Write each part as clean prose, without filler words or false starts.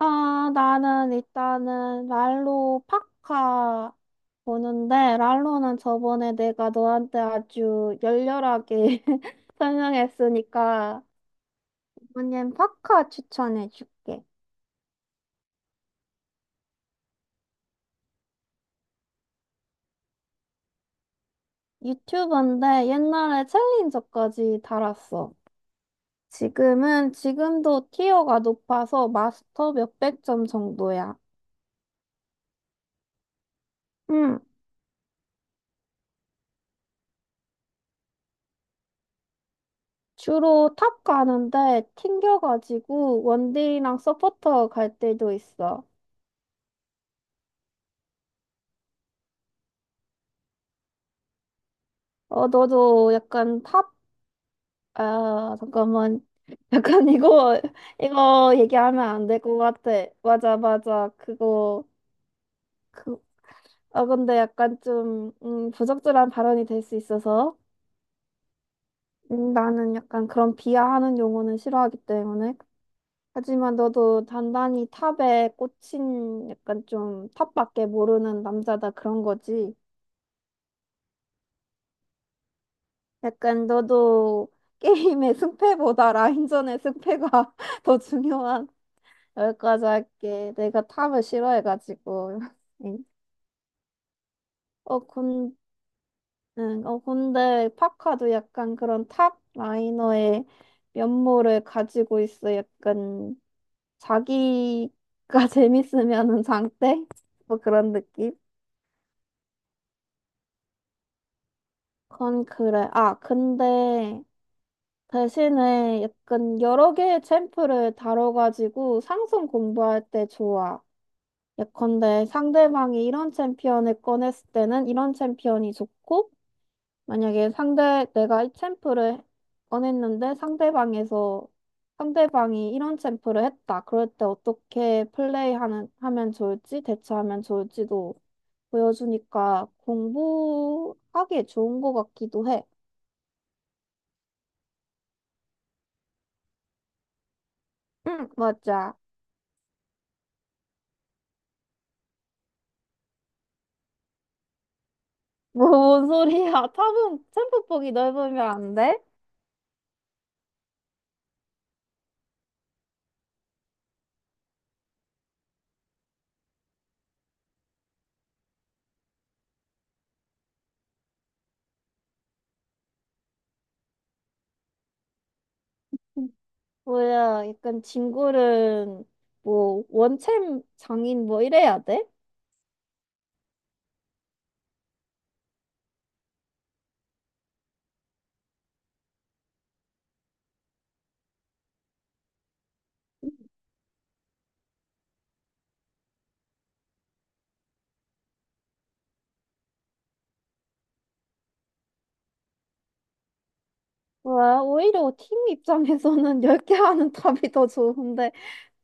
아, 나는 일단은 랄로 파카 보는데, 랄로는 저번에 내가 너한테 아주 열렬하게 설명했으니까, 이번엔 파카 추천해줄게. 유튜브인데 옛날에 챌린저까지 달았어. 지금도 티어가 높아서 마스터 몇백 점 정도야. 응. 주로 탑 가는데 튕겨가지고 원딜이랑 서포터 갈 때도 있어. 어, 너도 잠깐만. 약간 이거, 이거 얘기하면 안 될 것 같아. 맞아, 맞아. 그, 근데 약간 좀, 부적절한 발언이 될 수 있어서, 나는 약간 그런 비하하는 용어는 싫어하기 때문에. 하지만 너도 단단히 탑에 꽂힌 약간 좀 탑밖에 모르는 남자다 그런 거지. 약간 너도 게임의 승패보다 라인전의 승패가 더 중요한 여기까지 할게. 내가 탑을 싫어해가지고. 응. 어, 군, 응, 어, 근데 파카도 약간 그런 탑 라이너의 면모를 가지고 있어. 약간 자기가 재밌으면은 장땡? 뭐 그런 느낌? 그건 그래. 아, 근데 대신에 약간 여러 개의 챔프를 다뤄가지고 상성 공부할 때 좋아. 예컨대 상대방이 이런 챔피언을 꺼냈을 때는 이런 챔피언이 좋고 만약에 상대, 내가 이 챔프를 꺼냈는데 상대방에서, 상대방이 이런 챔프를 했다. 그럴 때 어떻게 하면 좋을지, 대처하면 좋을지도 보여주니까 공부하기에 좋은 것 같기도 해. 응, 맞아. 뭔 소리야. 탑은 챔프 폭이 넓으면 안 돼? 뭐야, 약간 진골은 뭐, 원챔 장인 뭐 이래야 돼? 와, 오히려 팀 입장에서는 10개 하는 답이 더 좋은데,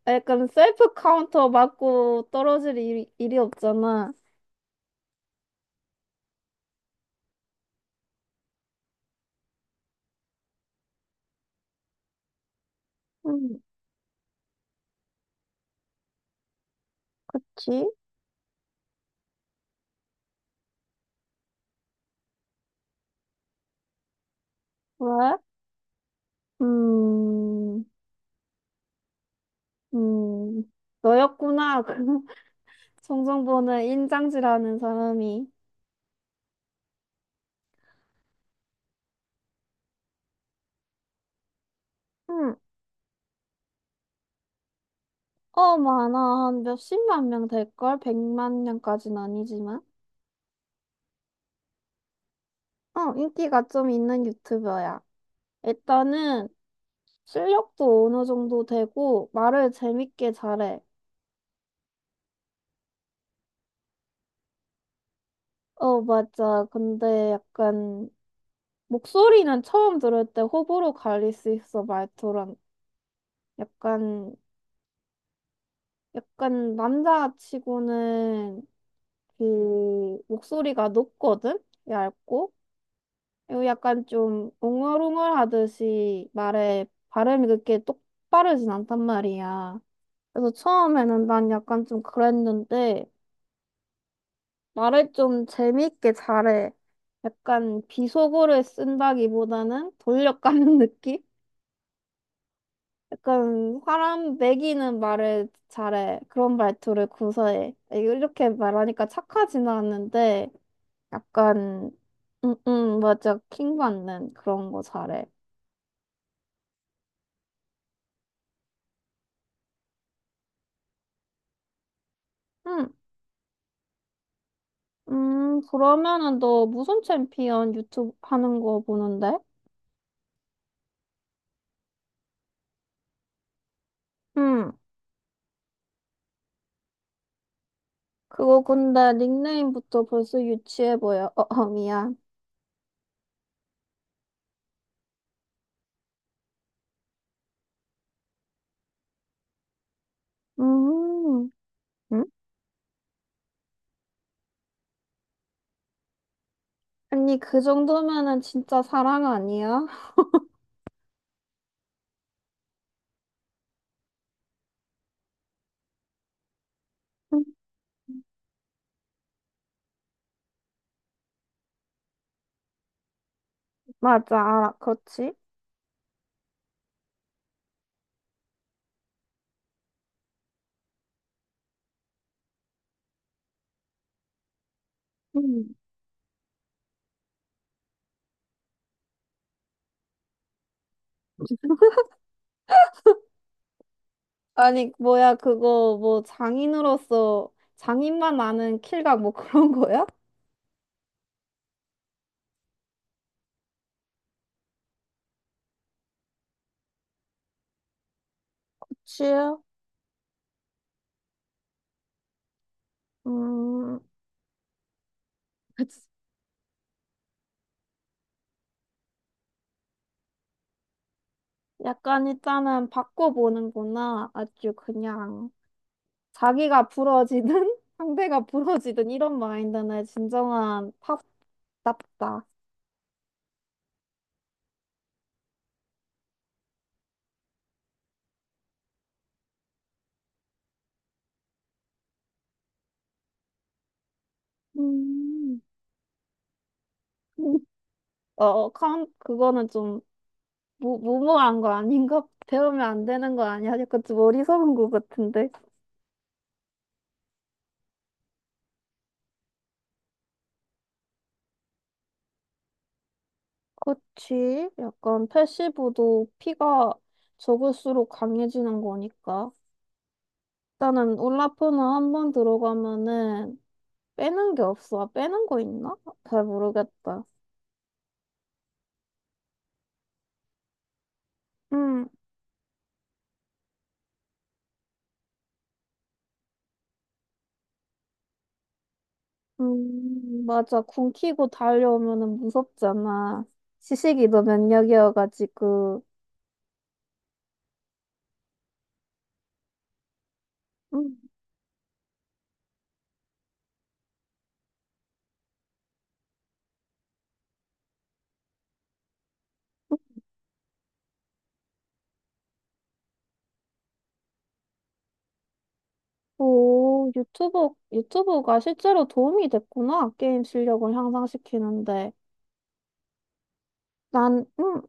약간 셀프 카운터 맞고 떨어질 일이 없잖아. 음, 그치? 왜? 음, 음, 너였구나. 그 송정보는 인장질하는 사람이. 응, 어, 많아. 한 몇십만 명 될걸? 백만 명까지는 아니지만. 어, 인기가 좀 있는 유튜버야. 일단은 실력도 어느 정도 되고, 말을 재밌게 잘해. 어, 맞아. 근데 약간 목소리는 처음 들을 때 호불호 갈릴 수 있어, 말투랑. 약간, 약간 남자치고는 그 목소리가 높거든? 얇고. 그리고 약간 좀 웅얼웅얼 하듯이 말에 발음이 그렇게 똑바르진 않단 말이야. 그래서 처음에는 난 약간 좀 그랬는데 말을 좀 재밌게 잘해. 약간 비속어를 쓴다기보다는 돌려까는 느낌? 약간 사람 매기는 말을 잘해. 그런 말투를 구사해. 이렇게 말하니까 착하지는 않는데 약간 맞아. 킹 받는 그런 거 잘해. 음, 그러면은 너 무슨 챔피언 유튜브 하는 거 보는데? 음, 그거 근데 닉네임부터 벌써 유치해 보여. 어, 어 미안. 음, 음? 아니 그 정도면은 진짜 사랑 아니야? 맞아, 알아. 그렇지? 음. 아니, 장인으로서, 장인만 아는 킬각, 뭐, 그런 거야? 그치? 음, 그치. 약간 일단은 바꿔보는구나. 아주 그냥, 자기가 부러지든, 상대가 부러지든, 이런 마인드는 진정한 탑답다. 음, 그거는 좀, 무모한 거 아닌가? 배우면 안 되는 거 아니야? 약간 좀 어리석은 거 같은데. 그치? 약간 패시브도 피가 적을수록 강해지는 거니까. 일단은 울라프는 한 번 들어가면은 빼는 게 없어. 아, 빼는 거 있나? 잘 모르겠다. 응, 맞아. 굶기고 달려오면은 무섭잖아. 시식이 도 면역이어가지고. 음. 오, 유튜브가 실제로 도움이 됐구나. 게임 실력을 향상시키는데. 난, 음, 음.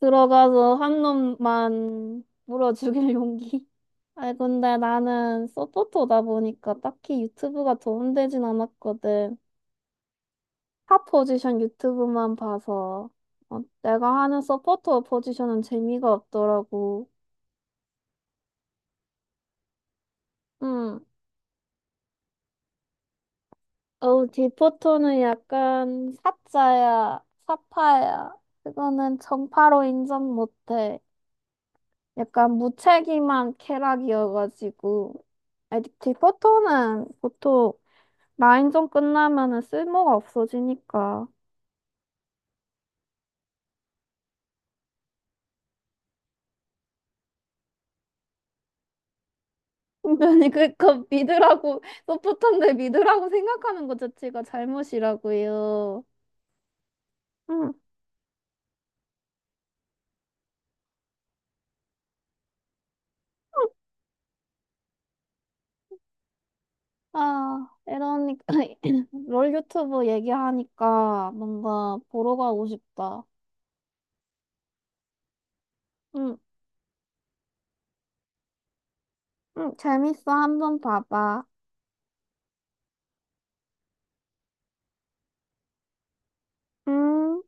들어가서 한 놈만 물어 죽일 용기. 아, 근데 나는 서포터다 보니까 딱히 유튜브가 도움되진 않았거든. 탑 포지션 유튜브만 봐서. 어, 내가 하는 서포터 포지션은 재미가 없더라고. 응. 어, 디포터는 약간 사자야, 사파야. 그거는 정파로 인정 못해. 약간 무책임한 캐락이어가지고. 아니, 디포터는 보통 라인전 끝나면은 쓸모가 없어지니까. 아니 그거 믿으라고 소프트한데 믿으라고 생각하는 것 자체가 잘못이라고요. 응, 아, 이러니까 롤 유튜브 얘기하니까 뭔가 보러 가고 싶다. 응, 응, 재밌어. 한번 봐봐. 음.